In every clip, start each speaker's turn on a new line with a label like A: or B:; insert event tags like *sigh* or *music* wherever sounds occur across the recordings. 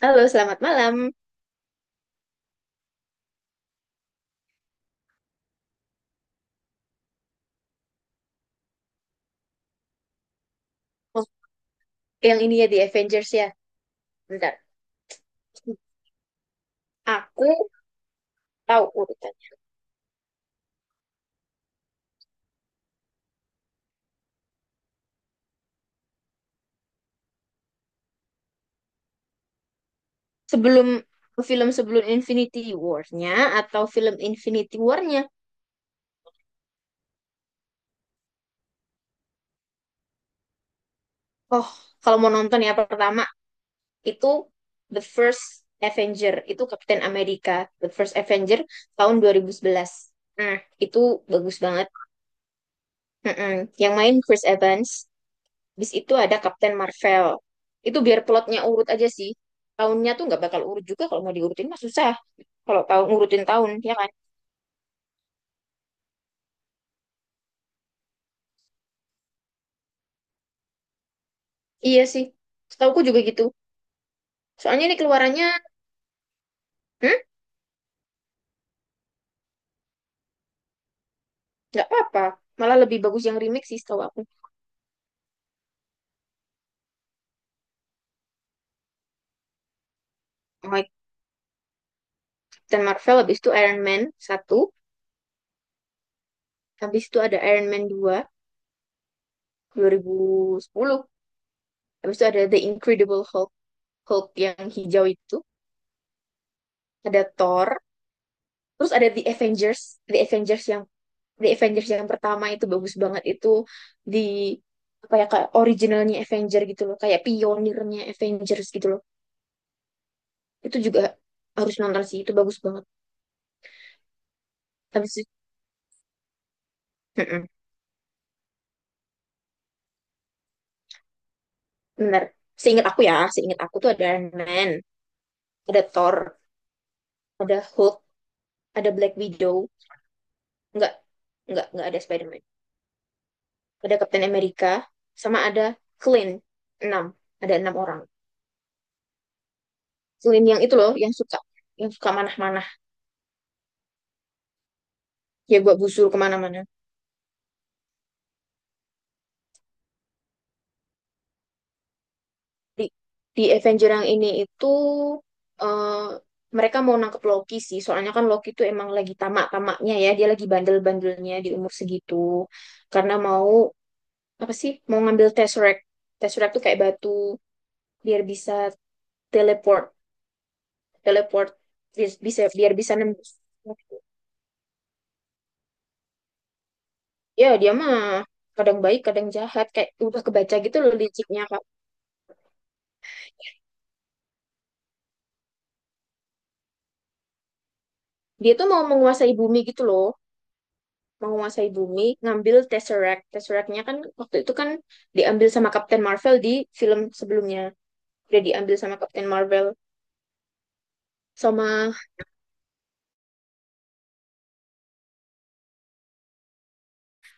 A: Halo, selamat malam. Oh, yang ini ya di Avengers ya. Bentar. Aku tahu urutannya. Sebelum film, sebelum Infinity War-nya, atau film Infinity War-nya? Oh, kalau mau nonton ya pertama itu The First Avenger, itu Kapten Amerika The First Avenger tahun 2011. Nah, itu bagus banget. Mm-mm. Yang main Chris Evans, bis itu ada Kapten Marvel. Itu biar plotnya urut aja sih. Tahunnya tuh nggak bakal urut juga, kalau mau diurutin mah susah. Kalau tahu ngurutin tahun, ya kan? Iya sih, setauku juga gitu. Soalnya ini keluarannya, hmm, nggak apa-apa. Malah lebih bagus yang remake sih, setahu aku. Mike dan Marvel, habis itu Iron Man satu, habis itu ada Iron Man dua 2010. Habis itu ada The Incredible Hulk, Hulk yang hijau itu, ada Thor, terus ada The Avengers. The Avengers yang The Avengers yang pertama itu bagus banget, itu di apa ya, kayak originalnya Avenger gitu loh, kayak pionirnya Avengers gitu loh. Itu juga harus nonton sih, itu bagus banget. Habis itu mm-mm, bener, seingat aku tuh ada Iron Man, ada Thor, ada Hulk, ada Black Widow, nggak nggak ada Spider-Man, ada Captain America, sama ada Clint. enam ada enam orang. Clint yang itu loh, yang suka manah-manah, ya gua busur kemana-mana. Di, di Avenger yang ini itu eh, mereka mau nangkep Loki sih. Soalnya kan Loki itu emang lagi tamak-tamaknya ya. Dia lagi bandel-bandelnya di umur segitu. Karena mau apa sih? Mau ngambil Tesseract. Tesseract tuh kayak batu biar bisa teleport, teleport biar bisa nembus. Ya, dia mah kadang baik, kadang jahat, kayak udah kebaca gitu loh liciknya, Kak. Dia tuh mau menguasai bumi gitu loh. Menguasai bumi, ngambil Tesseract. Tesseract-nya kan waktu itu kan diambil sama Captain Marvel di film sebelumnya. Udah diambil sama Captain Marvel, sama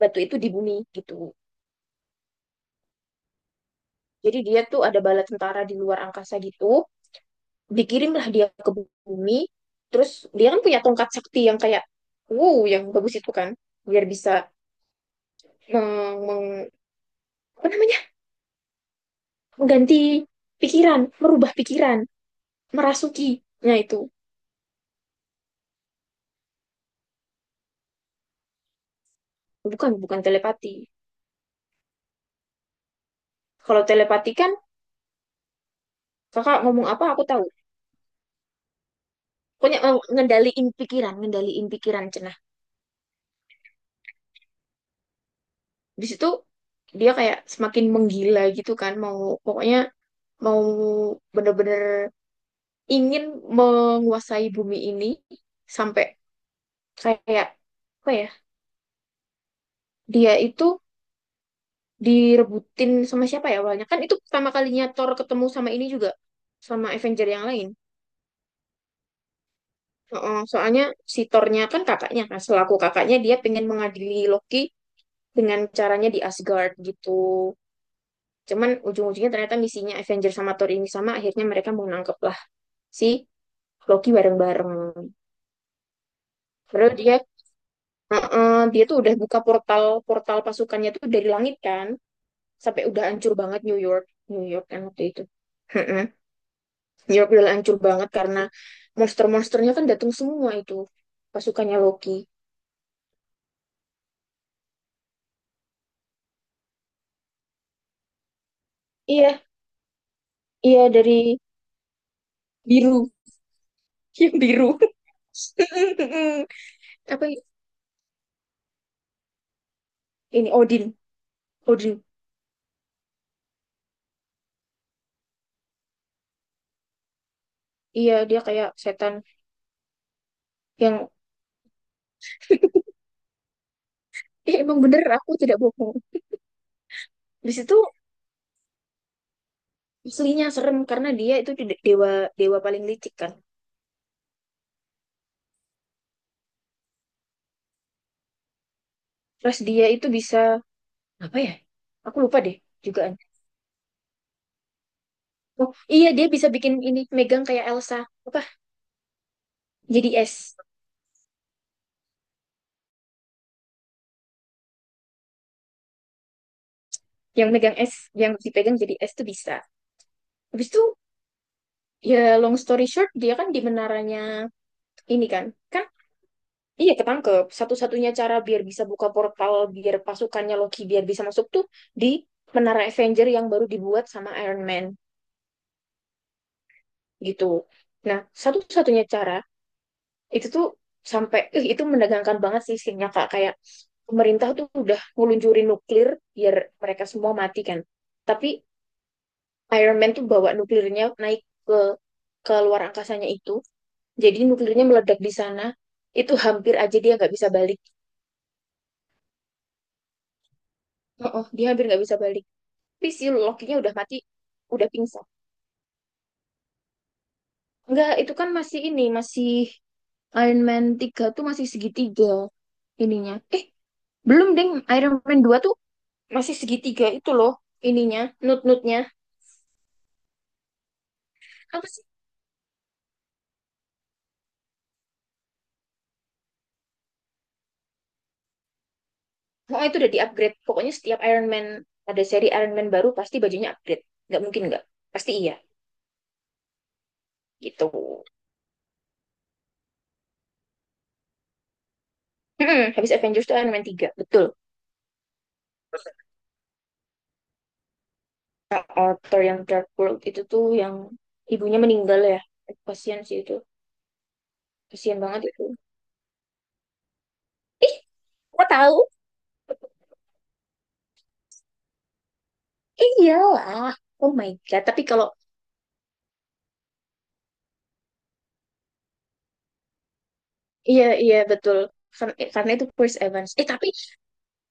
A: batu itu di bumi gitu. Jadi dia tuh ada bala tentara di luar angkasa gitu. Dikirimlah dia ke bumi. Terus dia kan punya tongkat sakti yang kayak wow, yang bagus itu kan, biar bisa meng, meng- apa namanya, mengganti pikiran, merubah pikiran, merasuki. Nah, itu bukan bukan telepati. Kalau telepati kan kakak ngomong apa aku tahu. Pokoknya ngendaliin pikiran, ngendaliin pikiran, cenah. Di situ dia kayak semakin menggila gitu kan, mau, pokoknya mau bener-bener ingin menguasai bumi ini, sampai kayak apa ya, dia itu direbutin sama siapa ya, awalnya kan itu pertama kalinya Thor ketemu sama ini juga, sama Avenger yang lain. Heeh, soalnya si Thor-nya kan kakaknya, kan selaku kakaknya dia pengen mengadili Loki dengan caranya di Asgard gitu. Cuman ujung-ujungnya ternyata misinya Avengers sama Thor ini sama, akhirnya mereka mau nangkep lah si Loki bareng-bareng. Padahal dia, heeh, dia tuh udah buka portal, portal pasukannya tuh dari langit kan, sampai udah hancur banget New York, New York kan waktu itu. Heeh. New York udah hancur banget karena monster-monsternya kan datang semua itu, pasukannya Loki. Iya, iya dari biru, *laughs* yang biru. *laughs* Apa ini, Odin, Odin. Iya, dia kayak setan yang, ih, emang bener, aku tidak bohong. Di situ aslinya serem karena dia itu dewa, dewa paling licik kan. Terus dia itu bisa apa ya? Aku lupa deh jugaan. Oh iya, dia bisa bikin ini megang kayak Elsa apa? Jadi es. Yang megang es, yang dipegang jadi es tuh bisa. Habis itu ya, long story short, dia kan di menaranya ini kan. Kan iya, ketangkep. Satu-satunya cara biar bisa buka portal biar pasukannya Loki biar bisa masuk tuh di Menara Avenger yang baru dibuat sama Iron Man gitu. Nah, satu-satunya cara itu tuh sampai, ih, itu menegangkan banget sih isinya, Kak. Kayak pemerintah tuh udah ngeluncurin nuklir biar mereka semua mati kan. Tapi Iron Man tuh bawa nuklirnya naik ke ke luar angkasanya itu. Jadi nuklirnya meledak di sana. Itu hampir aja dia nggak bisa balik. Oh, oh, dia hampir nggak bisa balik. Tapi si Loki-nya udah mati, udah pingsan. Enggak, itu kan masih ini, masih Iron Man 3 tuh masih segitiga ininya. Eh, belum, Ding. Iron Man 2 tuh masih segitiga itu loh ininya, nut-nutnya. Apa sih? Oh, itu udah di-upgrade. Pokoknya setiap Iron Man, ada seri Iron Man baru, pasti bajunya upgrade. Nggak mungkin nggak. Pasti iya. Gitu. Habis Avengers tuh Iron Man tiga, betul. Author yang Dark World itu tuh yang ibunya meninggal ya. Kasian sih itu. Kasian banget itu. Kok tahu? Iyalah. Oh my God. Tapi kalau, iya, iya, betul. Karena itu Chris Evans. Eh, tapi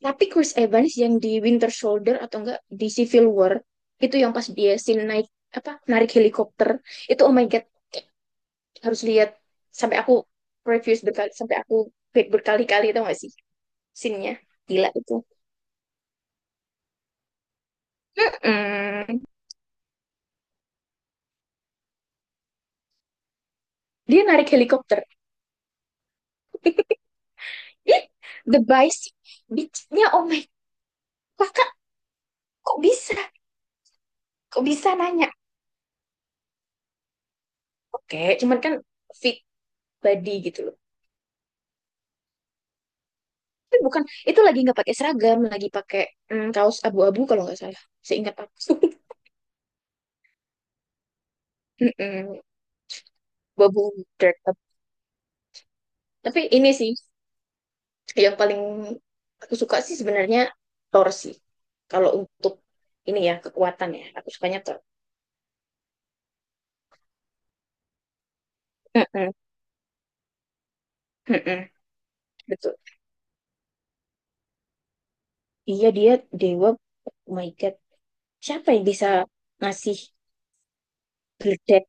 A: Tapi Chris Evans yang di Winter Soldier atau enggak di Civil War, itu yang pas dia scene naik apa, narik helikopter, itu oh my God, harus lihat. Sampai aku reviews berkali, sampai aku back berkali-kali, tau gak sih scene-nya gila itu. Mm-mm. Dia narik helikopter. Ih, the Vice beach-nya, oh my. Kakak kok bisa kok bisa nanya. Oke, cuman kan fit body gitu loh. Tapi bukan, itu lagi nggak pakai seragam, lagi pakai kaos abu-abu kalau nggak salah. Seingat aku. Mm-mm. Bubble Dirt. Tapi ini sih yang paling aku suka sih sebenarnya, Thor sih. Kalau untuk ini ya, kekuatan ya, aku sukanya Thor. Mm-mm, mm-mm, betul. Iya, dia dewa. Oh my God. Siapa yang bisa ngasih gledek?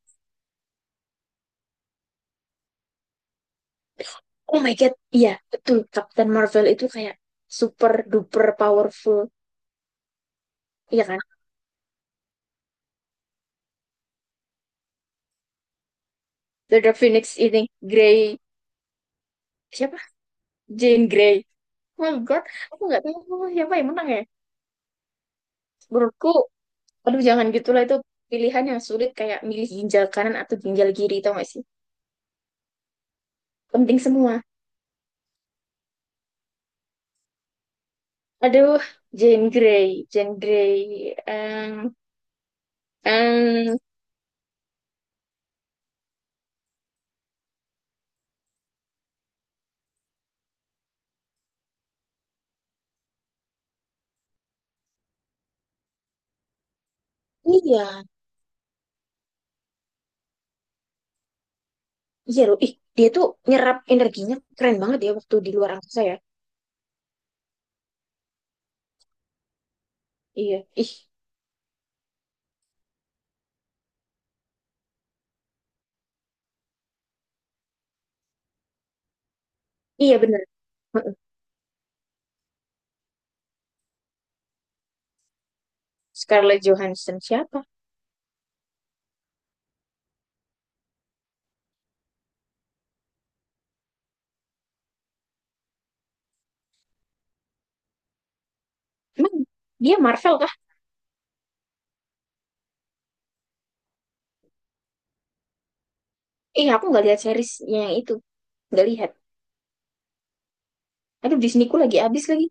A: Oh my God. Iya betul, Captain Marvel itu kayak super duper powerful. Iya kan? The Phoenix ini, Grey. Siapa? Jane Grey. Oh my God. Aku nggak tahu siapa yang menang ya. Menurutku, aduh, jangan gitulah, itu pilihan yang sulit, kayak milih ginjal kanan atau ginjal kiri, tau gak sih? Penting semua. Aduh, Jane Grey, Jane Grey. Em, em, iya, iya loh. Ih, dia tuh nyerap energinya keren banget ya, waktu di luar angkasa ya. Iya, ih, iya bener. Heeh. Scarlett Johansson siapa? Emang dia Marvel kah? Eh, aku nggak lihat series yang itu, nggak lihat. Aduh, Disneyku lagi habis lagi.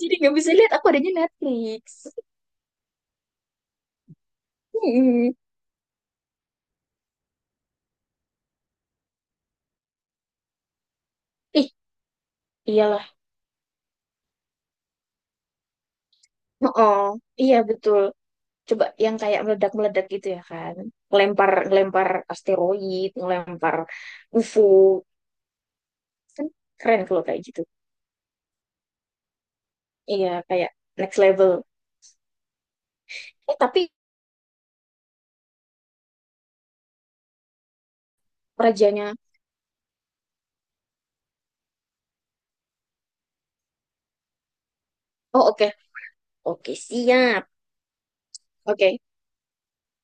A: Jadi nggak bisa lihat. Aku adanya Netflix. *laughs* Hmm. Ih, iya. Oh, iya betul. Coba yang kayak meledak-meledak gitu ya kan. Lempar lempar asteroid, ngelempar UFO. Kan keren kalau kayak gitu. Iya, kayak next level. Eh, tapi rajanya. Oh, oke. Oke, siap. Oke,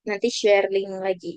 A: nanti share link lagi.